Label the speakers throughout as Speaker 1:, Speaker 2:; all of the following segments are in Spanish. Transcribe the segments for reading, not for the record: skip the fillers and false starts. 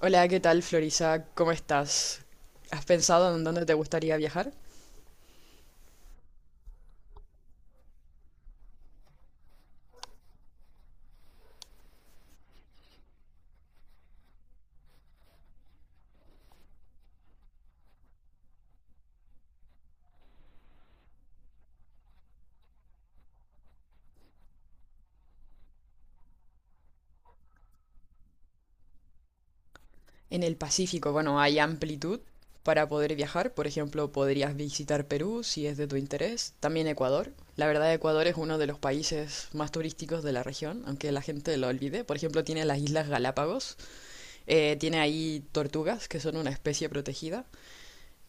Speaker 1: Hola, ¿qué tal, Florisa? ¿Cómo estás? ¿Has pensado en dónde te gustaría viajar? En el Pacífico, bueno, hay amplitud para poder viajar. Por ejemplo, podrías visitar Perú si es de tu interés. También Ecuador. La verdad, Ecuador es uno de los países más turísticos de la región, aunque la gente lo olvide. Por ejemplo, tiene las Islas Galápagos. Tiene ahí tortugas, que son una especie protegida.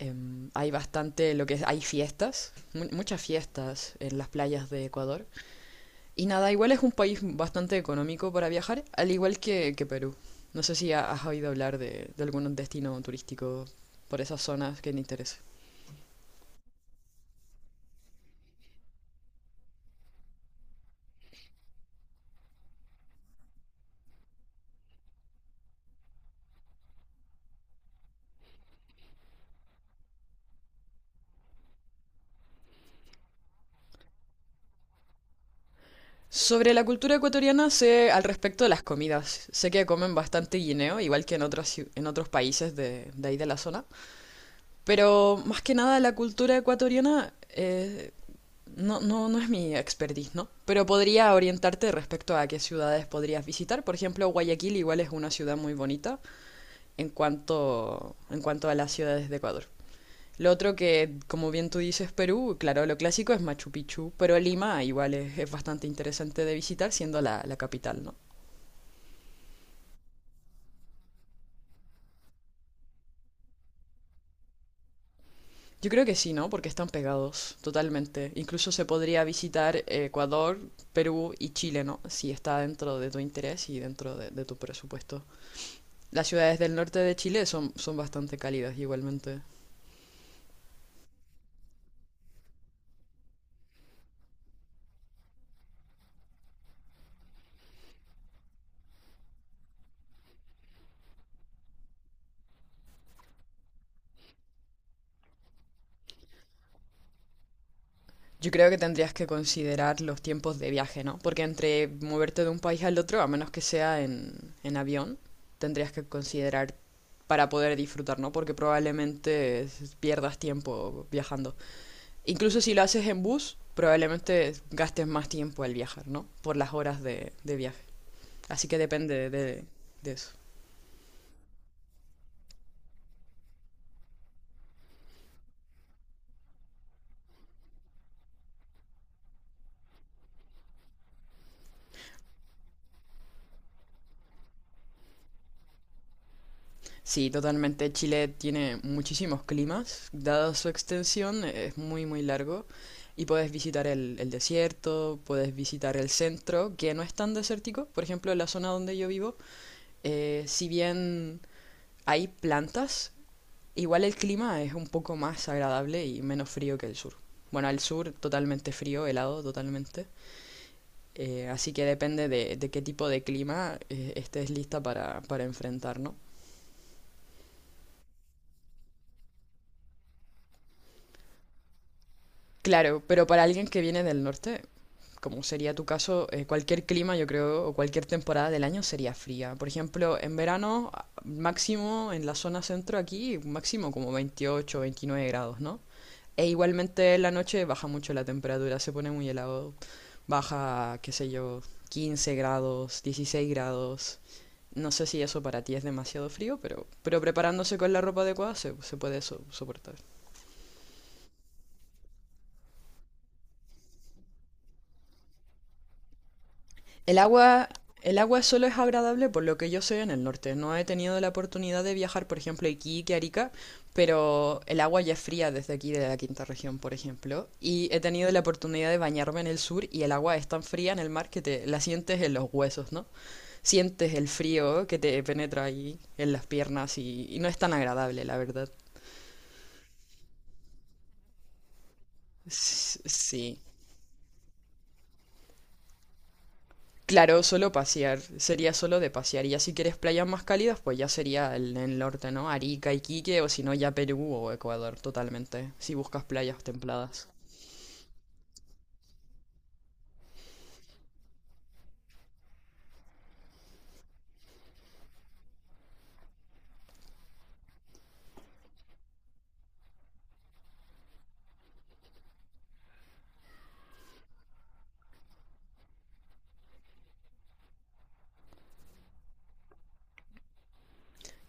Speaker 1: Hay bastante lo que es, hay fiestas, muchas fiestas en las playas de Ecuador. Y nada, igual es un país bastante económico para viajar, al igual que Perú. No sé si has oído hablar de algún destino turístico por esas zonas que te interese. Sobre la cultura ecuatoriana sé al respecto de las comidas. Sé que comen bastante guineo, igual que en otras, en otros países de ahí de la zona. Pero más que nada la cultura ecuatoriana no, no, no es mi expertise, ¿no? Pero podría orientarte respecto a qué ciudades podrías visitar. Por ejemplo, Guayaquil igual es una ciudad muy bonita, en cuanto a las ciudades de Ecuador. Lo otro que, como bien tú dices, Perú, claro, lo clásico es Machu Picchu, pero Lima igual es bastante interesante de visitar siendo la capital, ¿no? Yo creo que sí, ¿no? Porque están pegados totalmente. Incluso se podría visitar Ecuador, Perú y Chile, ¿no? Si está dentro de tu interés y dentro de tu presupuesto. Las ciudades del norte de Chile son bastante cálidas igualmente. Yo creo que tendrías que considerar los tiempos de viaje, ¿no? Porque entre moverte de un país al otro, a menos que sea en avión, tendrías que considerar para poder disfrutar, ¿no? Porque probablemente pierdas tiempo viajando. Incluso si lo haces en bus, probablemente gastes más tiempo al viajar, ¿no? Por las horas de viaje. Así que depende de eso. Sí, totalmente. Chile tiene muchísimos climas. Dada su extensión, es muy, muy largo. Y puedes visitar el desierto, puedes visitar el centro, que no es tan desértico. Por ejemplo, en la zona donde yo vivo, si bien hay plantas, igual el clima es un poco más agradable y menos frío que el sur. Bueno, el sur totalmente frío, helado totalmente. Así que depende de qué tipo de clima estés lista para enfrentar, ¿no? Claro, pero para alguien que viene del norte como sería tu caso, cualquier clima, yo creo, o cualquier temporada del año sería fría. Por ejemplo, en verano, máximo en la zona centro aquí, máximo como 28, 29 grados, ¿no? E igualmente en la noche baja mucho la temperatura, se pone muy helado. Baja, qué sé yo, 15 grados, 16 grados. No sé si eso para ti es demasiado frío, pero preparándose con la ropa adecuada se puede soportar. El agua, el agua solo es agradable por lo que yo sé en el norte. No he tenido la oportunidad de viajar, por ejemplo, a Iquique, Arica, pero el agua ya es fría desde aquí, de la quinta región, por ejemplo. Y he tenido la oportunidad de bañarme en el sur y el agua es tan fría en el mar que te la sientes en los huesos, ¿no? Sientes el frío que te penetra ahí en las piernas y no es tan agradable, la verdad. Sí. Claro, solo pasear, sería solo de pasear. Y ya si quieres playas más cálidas, pues ya sería el norte, ¿no? Arica, Iquique, o si no, ya Perú o Ecuador, totalmente, si buscas playas templadas.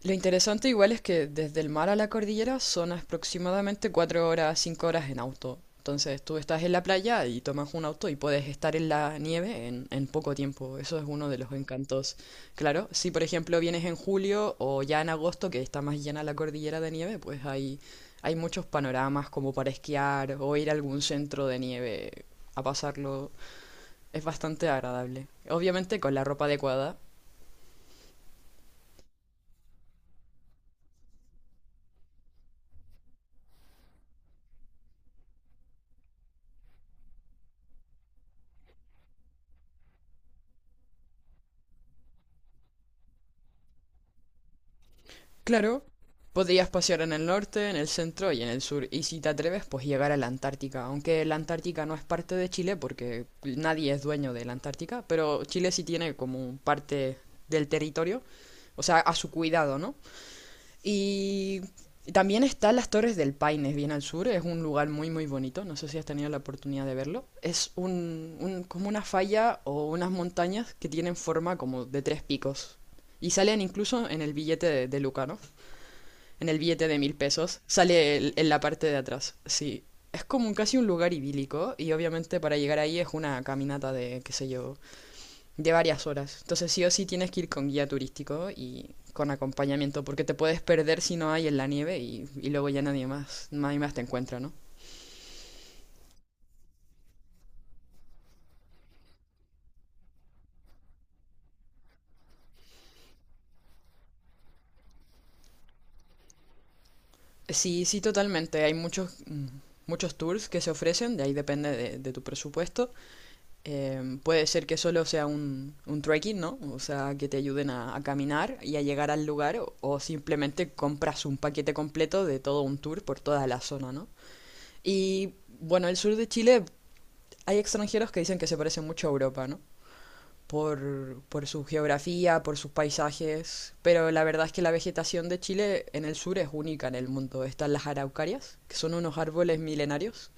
Speaker 1: Lo interesante igual es que desde el mar a la cordillera son aproximadamente 4 horas, 5 horas en auto. Entonces tú estás en la playa y tomas un auto y puedes estar en la nieve en poco tiempo. Eso es uno de los encantos. Claro, si por ejemplo vienes en julio o ya en agosto que está más llena la cordillera de nieve, pues hay muchos panoramas como para esquiar o ir a algún centro de nieve a pasarlo. Es bastante agradable. Obviamente con la ropa adecuada. Claro, podrías pasear en el norte, en el centro y en el sur, y si te atreves, pues llegar a la Antártica, aunque la Antártica no es parte de Chile porque nadie es dueño de la Antártica, pero Chile sí tiene como parte del territorio, o sea, a su cuidado, ¿no? Y también están las Torres del Paine, bien al sur, es un lugar muy muy bonito, no sé si has tenido la oportunidad de verlo. Es como una falla o unas montañas que tienen forma como de tres picos. Y salen incluso en el billete de Luca, ¿no? En el billete de 1.000 pesos, sale en la parte de atrás. Sí, es como casi un lugar idílico y obviamente para llegar ahí es una caminata qué sé yo, de varias horas. Entonces sí o sí tienes que ir con guía turístico y con acompañamiento porque te puedes perder si no hay en la nieve y luego ya nadie más, nadie más te encuentra, ¿no? Sí, sí, totalmente. Hay muchos tours que se ofrecen, de ahí depende de tu presupuesto. Puede ser que solo sea un trekking, ¿no? O sea, que te ayuden a caminar y a llegar al lugar o simplemente compras un paquete completo de todo un tour por toda la zona, ¿no? Y bueno, el sur de Chile hay extranjeros que dicen que se parece mucho a Europa, ¿no? Por su geografía, por sus paisajes, pero la verdad es que la vegetación de Chile en el sur es única en el mundo. Están las araucarias, que son unos árboles milenarios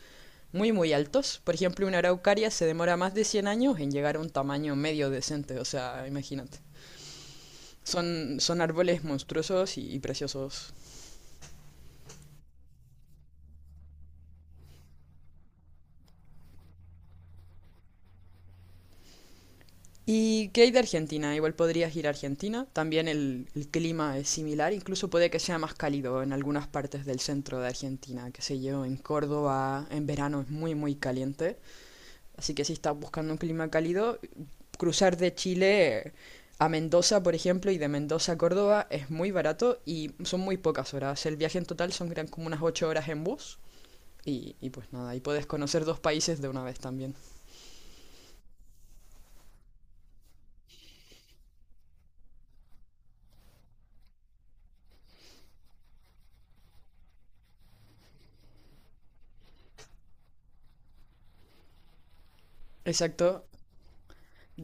Speaker 1: muy muy altos. Por ejemplo, una araucaria se demora más de 100 años en llegar a un tamaño medio decente, o sea, imagínate. Son árboles monstruosos y preciosos. ¿Y qué hay de Argentina? Igual podrías ir a Argentina. También el clima es similar, incluso puede que sea más cálido en algunas partes del centro de Argentina, qué sé yo, en Córdoba en verano es muy muy caliente. Así que si estás buscando un clima cálido, cruzar de Chile a Mendoza, por ejemplo, y de Mendoza a Córdoba es muy barato y son muy pocas horas. El viaje en total son eran como unas 8 horas en bus y pues nada, y puedes conocer dos países de una vez también. Exacto.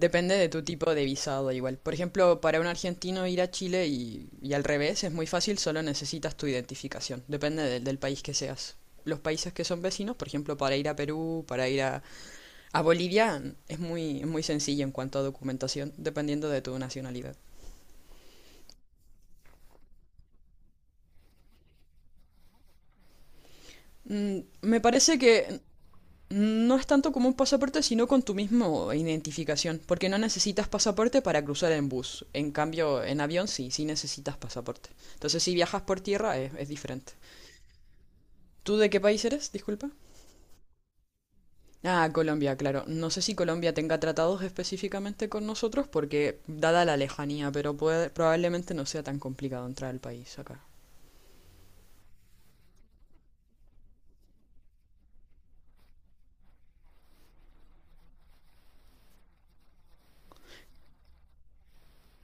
Speaker 1: Depende de tu tipo de visado igual. Por ejemplo, para un argentino ir a Chile y al revés es muy fácil, solo necesitas tu identificación. Depende del país que seas. Los países que son vecinos, por ejemplo, para ir a Perú, para ir a Bolivia es muy, muy sencillo en cuanto a documentación, dependiendo de tu nacionalidad. Me parece que no es tanto como un pasaporte, sino con tu misma identificación, porque no necesitas pasaporte para cruzar en bus. En cambio, en avión sí, sí necesitas pasaporte. Entonces, si viajas por tierra es diferente. ¿Tú de qué país eres? Disculpa. Ah, Colombia, claro. No sé si Colombia tenga tratados específicamente con nosotros, porque dada la lejanía, pero probablemente no sea tan complicado entrar al país acá.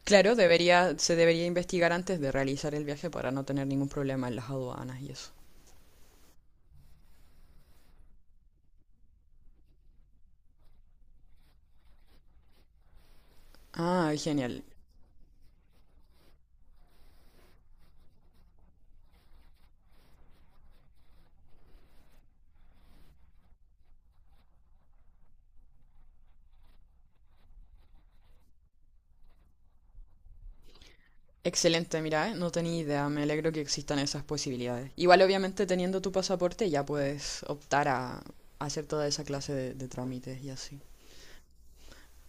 Speaker 1: Claro, se debería investigar antes de realizar el viaje para no tener ningún problema en las aduanas y eso. Ah, genial. Excelente, mira, ¿eh? No tenía idea, me alegro que existan esas posibilidades. Igual, obviamente, teniendo tu pasaporte ya puedes optar a hacer toda esa clase de trámites y así.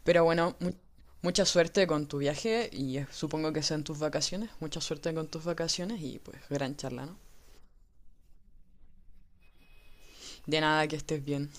Speaker 1: Pero bueno, mucha suerte con tu viaje y supongo que sean tus vacaciones. Mucha suerte con tus vacaciones y pues gran charla, ¿no? De nada, que estés bien.